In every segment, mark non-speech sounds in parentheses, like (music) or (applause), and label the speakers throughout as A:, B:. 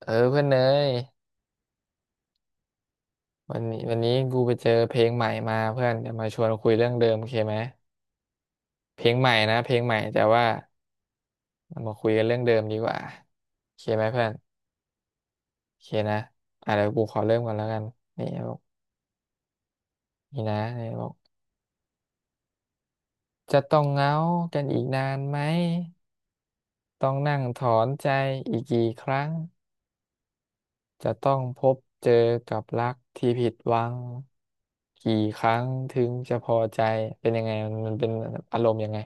A: เพื่อนเนยวันนี้กูไปเจอเพลงใหม่มาเพื่อนเดี๋ยวมาชวนคุยเรื่องเดิมโอเคไหมเพลงใหม่นะเพลงใหม่แต่ว่าเรามาคุยกันเรื่องเดิมดีกว่าโอเคไหมเพื่อนโอเคนะอ่ะเดี๋ยวกูขอเริ่มก่อนแล้วกันนี่บอกนี่นะนี่บอกจะต้องเหงากันอีกนานไหมต้องนั่งถอนใจอีกกี่ครั้งจะต้องพบเจอกับรักที่ผิดหวังกี่ครั้งถึงจะพอใจเป็นยังไงมันเป็นอารมณ์ยังไง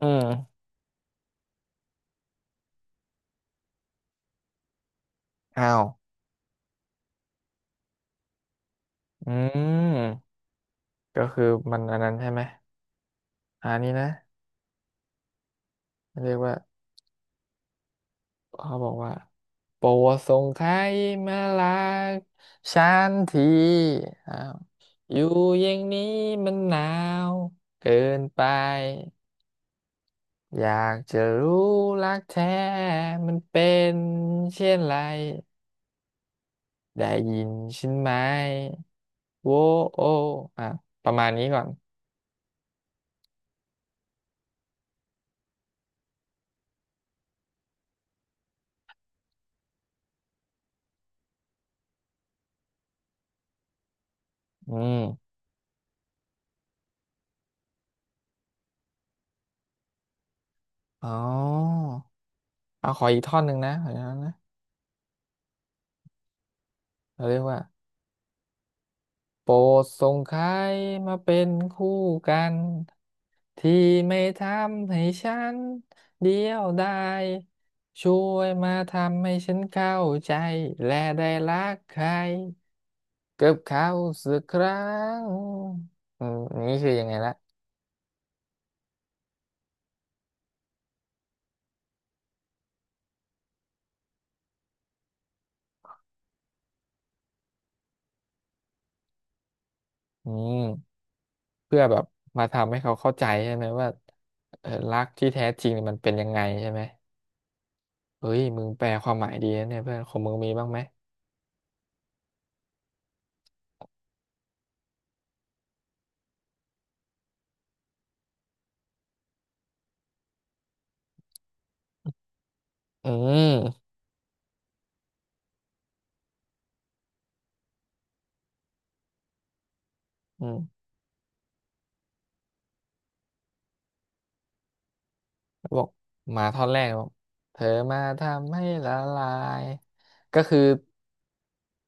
A: อืมอ้าว อืมก็คือมันอันนั้นใช่ไหมอันนี้นะเรียกว่าเขาบอกว่าโปรดส่งใครมาลากฉันทีอ้าวอยู่อย่างนี้มันหนาวเกินไปอยากจะรู้รักแท้มันเป็นเช่นไรได้ยินฉันไหมโว้โออ่ะประมาณนี้ก่อนอืมอ๋อเอาขออีกท่อนหนึ่งนะขออีกท่อนนะเราเรียกว่า โปรดส่งใครมาเป็นคู่กันที่ไม่ทำให้ฉันเดียวดายช่วยมาทำให้ฉันเข้าใจและได้รักใครกับเขาสักครั้งอืมนี่คือยังไงละอืมเพื่อแบบมาทำให้เขาเข้าใจใช่ไหมว่าเออรักที่แท้จริงเนี่ยมันเป็นยังไงใช่ไหมเฮ้ยมึงแปลความหมายดีนะเนี่ยเพื่อนของมึงมีบ้างไหมอืมอืม บอกมาท่อนแรกบอกเธอมาทำให้ละลายก็คือ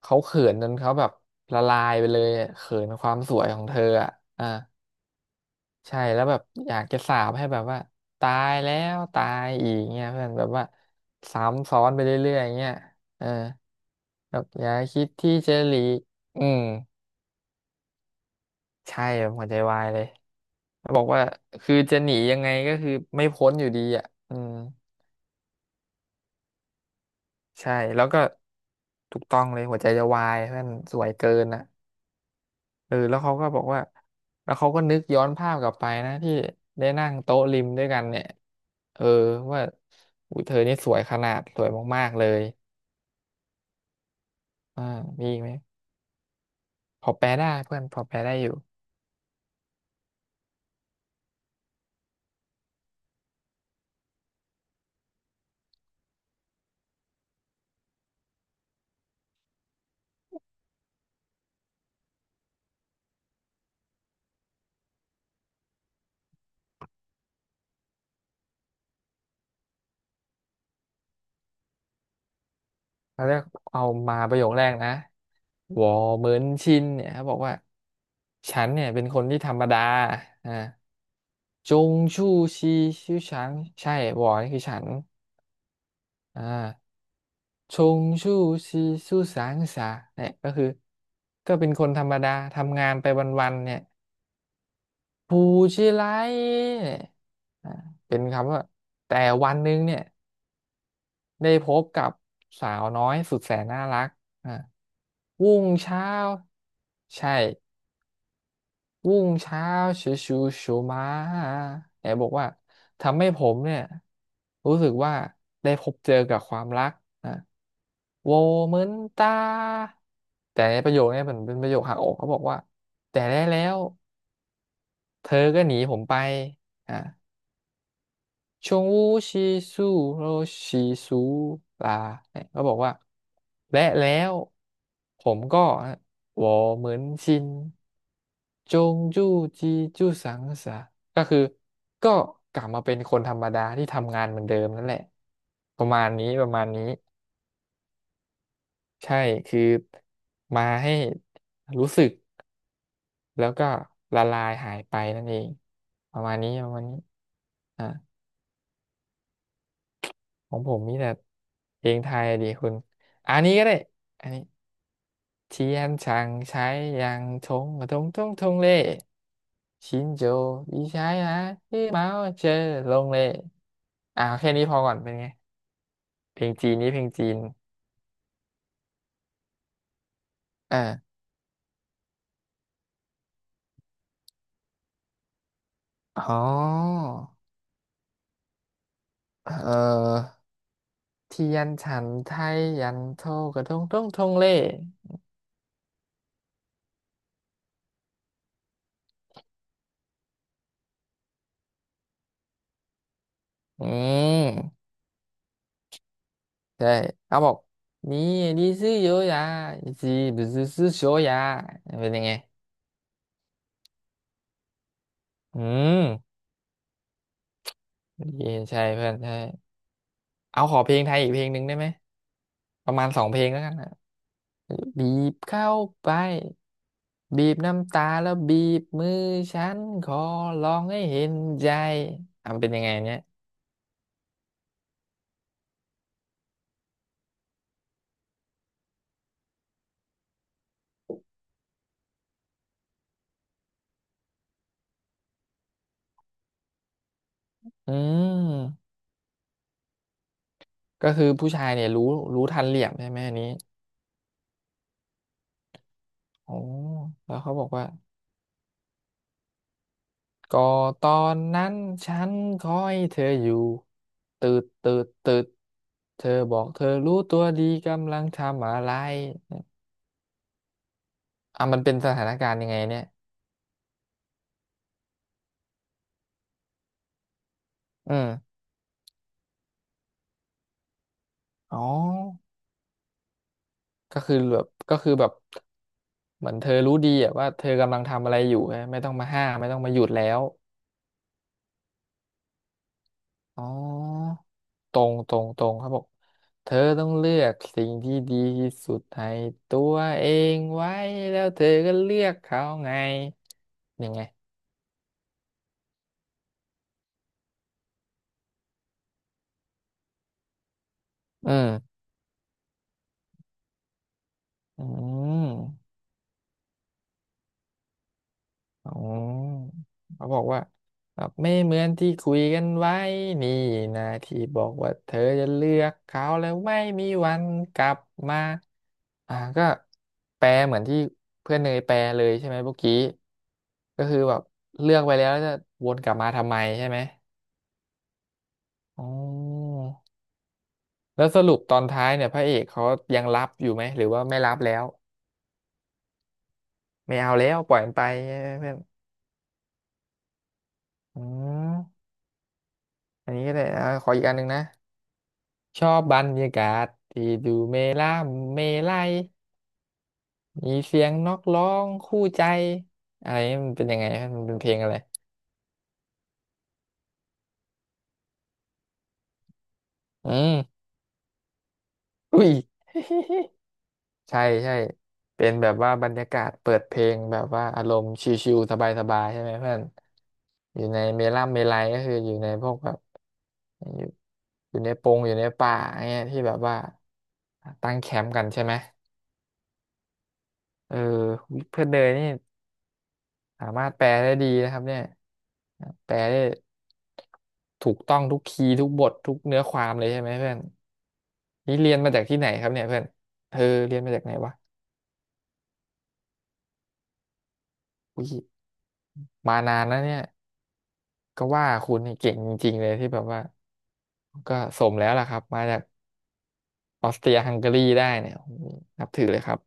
A: เขาเขินจนเขาแบบละลายไปเลยอะเขินความสวยของเธออ่ะอ่าใช่แล้วแบบอยากจะสาปให้แบบว่าตายแล้วตายอีกเงี้ยเพื่อนแบบว่าซ้ำซ้อนไปเรื่อยๆอย่างเงี้ยเออแบบอย่าคิดที่จะหลีกอืมใช่แบบหัวใจวายเลยแล้วบอกว่าคือจะหนียังไงก็คือไม่พ้นอยู่ดีอ่ะอืม ใช่แล้วก็ถูกต้องเลยหัวใจจะวายเพื่อนสวยเกินอ่ะเออแล้วเขาก็บอกว่าแล้วเขาก็นึกย้อนภาพกลับไปนะที่ได้นั่งโต๊ะริมด้วยกันเนี่ยเออว่าอุ้ยเธอนี่สวยขนาดสวยมากๆเลยอ่ามีอีกไหมพอแปลได้เพื่อนพอแปลได้อยู่เร้วกเอามาประโยคแรกนะวอเหมือนชินเนี่ยเขาบอกว่าฉันเนี่ยเป็นคนที่ธรรมดาอ่าจงชู่ชีชื่อฉันใช่วอนี่คือฉัน อ่าชงชู่ชีสู้สางสาเนี่ยก็คือก็เป็นคนธรรมดาทำงานไปวันๆเนี่ยผู้ชิไรเนี่ยอ่าเป็นคำว่าแต่วันหนึงเนี่ยได้พบกับสาวน้อยสุดแสนน่ารักอ่าวุ่งเช้าใช่ รุ่งเช้าชูชูชูมาไหนบอกว่าทำให้ผมเนี่ยรู้สึกว่าได้พบเจอกับความรักนะโวเหมือนตาแต่ในประโยคเนี่ยมันเป็นประโยคหักอกเขาบอกว่าแต่ได้แล้วเธอก็หนีผมไปอ่ะ ชงวูชีซูโรชีซูลาเนี่ยก็บอกว่าและแล้วผมก็วอเหมือนชินจงจู้จีจู้สังสะก็คือก็กลับมาเป็นคนธรรมดาที่ทำงานเหมือนเดิมนั่นแหละประมาณนี้ประมาณนี้ใช่คือมาให้รู้สึกแล้วก็ละลายหายไปนั่นเองประมาณนี้ประมาณนี้อ่ะ ของผมมีแต่เพลงไทยดีคุณอันนี้ก็ได้อันนี้เทียนช่างใช้ยางทงกระทงทงทงเล่ชินโจอีใช้นะที่เมาเจอลงเล่อ่าแค่นี้พอก่อนเป็นไงเพลงจีนนี้เพลงจีนเอออ๋อเออเทียนฉันไทยยันโทกระทงทงทงเล่อืมใช่เขาบอกนี่ดีซื้อโยยาจีบซื้อโชยาเป็นยังไง อืมดีใช่เพื่อนใช่เอาขอเพลงไทยอีกเพลงหนึ่งได้ไหมประมาณสองเพลงแล้วกันนะบีบเข้าไปบีบน้ำตาแล้วบีบมือฉันขอร้องให้เห็นใจอ่ะมันเป็นยังไงเนี่ยอืมก็คือผู้ชายเนี่ยรู้ทันเหลี่ยมใช่ไหมอันนี้โอ้แล้วเขาบอกว่าก็ตอนนั้นฉันคอยเธออยู่ตืดตืดตืดเธอบอกเธอรู้ตัวดีกำลังทำอะไร อ่ะมันเป็นสถานการณ์ยังไงเนี่ยอืมอ๋อก็คือแบบเหมือนเธอรู้ดีอะว่าเธอกำลังทำอะไรอยู่ไงไม่ต้องมาห้ามไม่ต้องมาหยุดแล้วอ๋อตรงครับบอกเธอต้องเลือกสิ่งที่ดีที่สุดให้ตัวเองไว้แล้วเธอก็เลือกเขาไงยังไงอืมอืม อ๋อเขาบอกว่าแบบไม่เหมือนที่คุยกันไว้นี่นะที่บอกว่าเธอจะเลือกเขาแล้วไม่มีวันกลับมาอ่าก็แปลเหมือนที่เพื่อนเนยแปลเลยใช่ไหมเมื่อกี้ก็คือแบบเลือกไปแล้วแล้วจะวนกลับมาทำไมใช่ไหมอ๋อแล้วสรุปตอนท้ายเนี่ยพระเอกเขายังรับอยู่ไหมหรือว่าไม่รับแล้วไม่เอาแล้วปล่อยมันไปใช่ไหมเพื่อนอืมอันนี้ก็ได้อ่าขออีกอันหนึ่งนะ ชอบบรรยากาศที่ดูเมล่ามเมไลยมีเสียงนกร้องคู่ใจอะไรมันเป็นยังไงครับมันเป็นเพลงอะไรอืมอุ้ย (laughs) ใช่ใช่เป็นแบบว่าบรรยากาศเปิดเพลงแบบว่าอารมณ์ชิลๆสบายๆใช่ไหมเพื่อนอยู่ในเมล่ามเมไลยก็คืออยู่ในพวกแบบอยู่อยู่ในปงอยู่ในป่าเงี้ยที่แบบว่าตั้งแคมป์กันใช่ไหมเออเพื่อนเนยนี่ สามารถแปลได้ดีนะครับเนี่ยแปลได้ถูกต้องทุกคีย์ทุกบททุกเนื้อความเลยใช่ไหมเพื่อนนี่เรียนมาจากที่ไหนครับเนี่ยเพื่อนเออเรียนมาจากไหนวะอุ้ยมานานนะเนี่ยก็ว่าคุณนี่เก่งจริงๆเลยที่แบบว่าก็สมแล้วล่ะครับมาจากออสเตรียฮังการีได้เนี่ยนับถือเลยครับ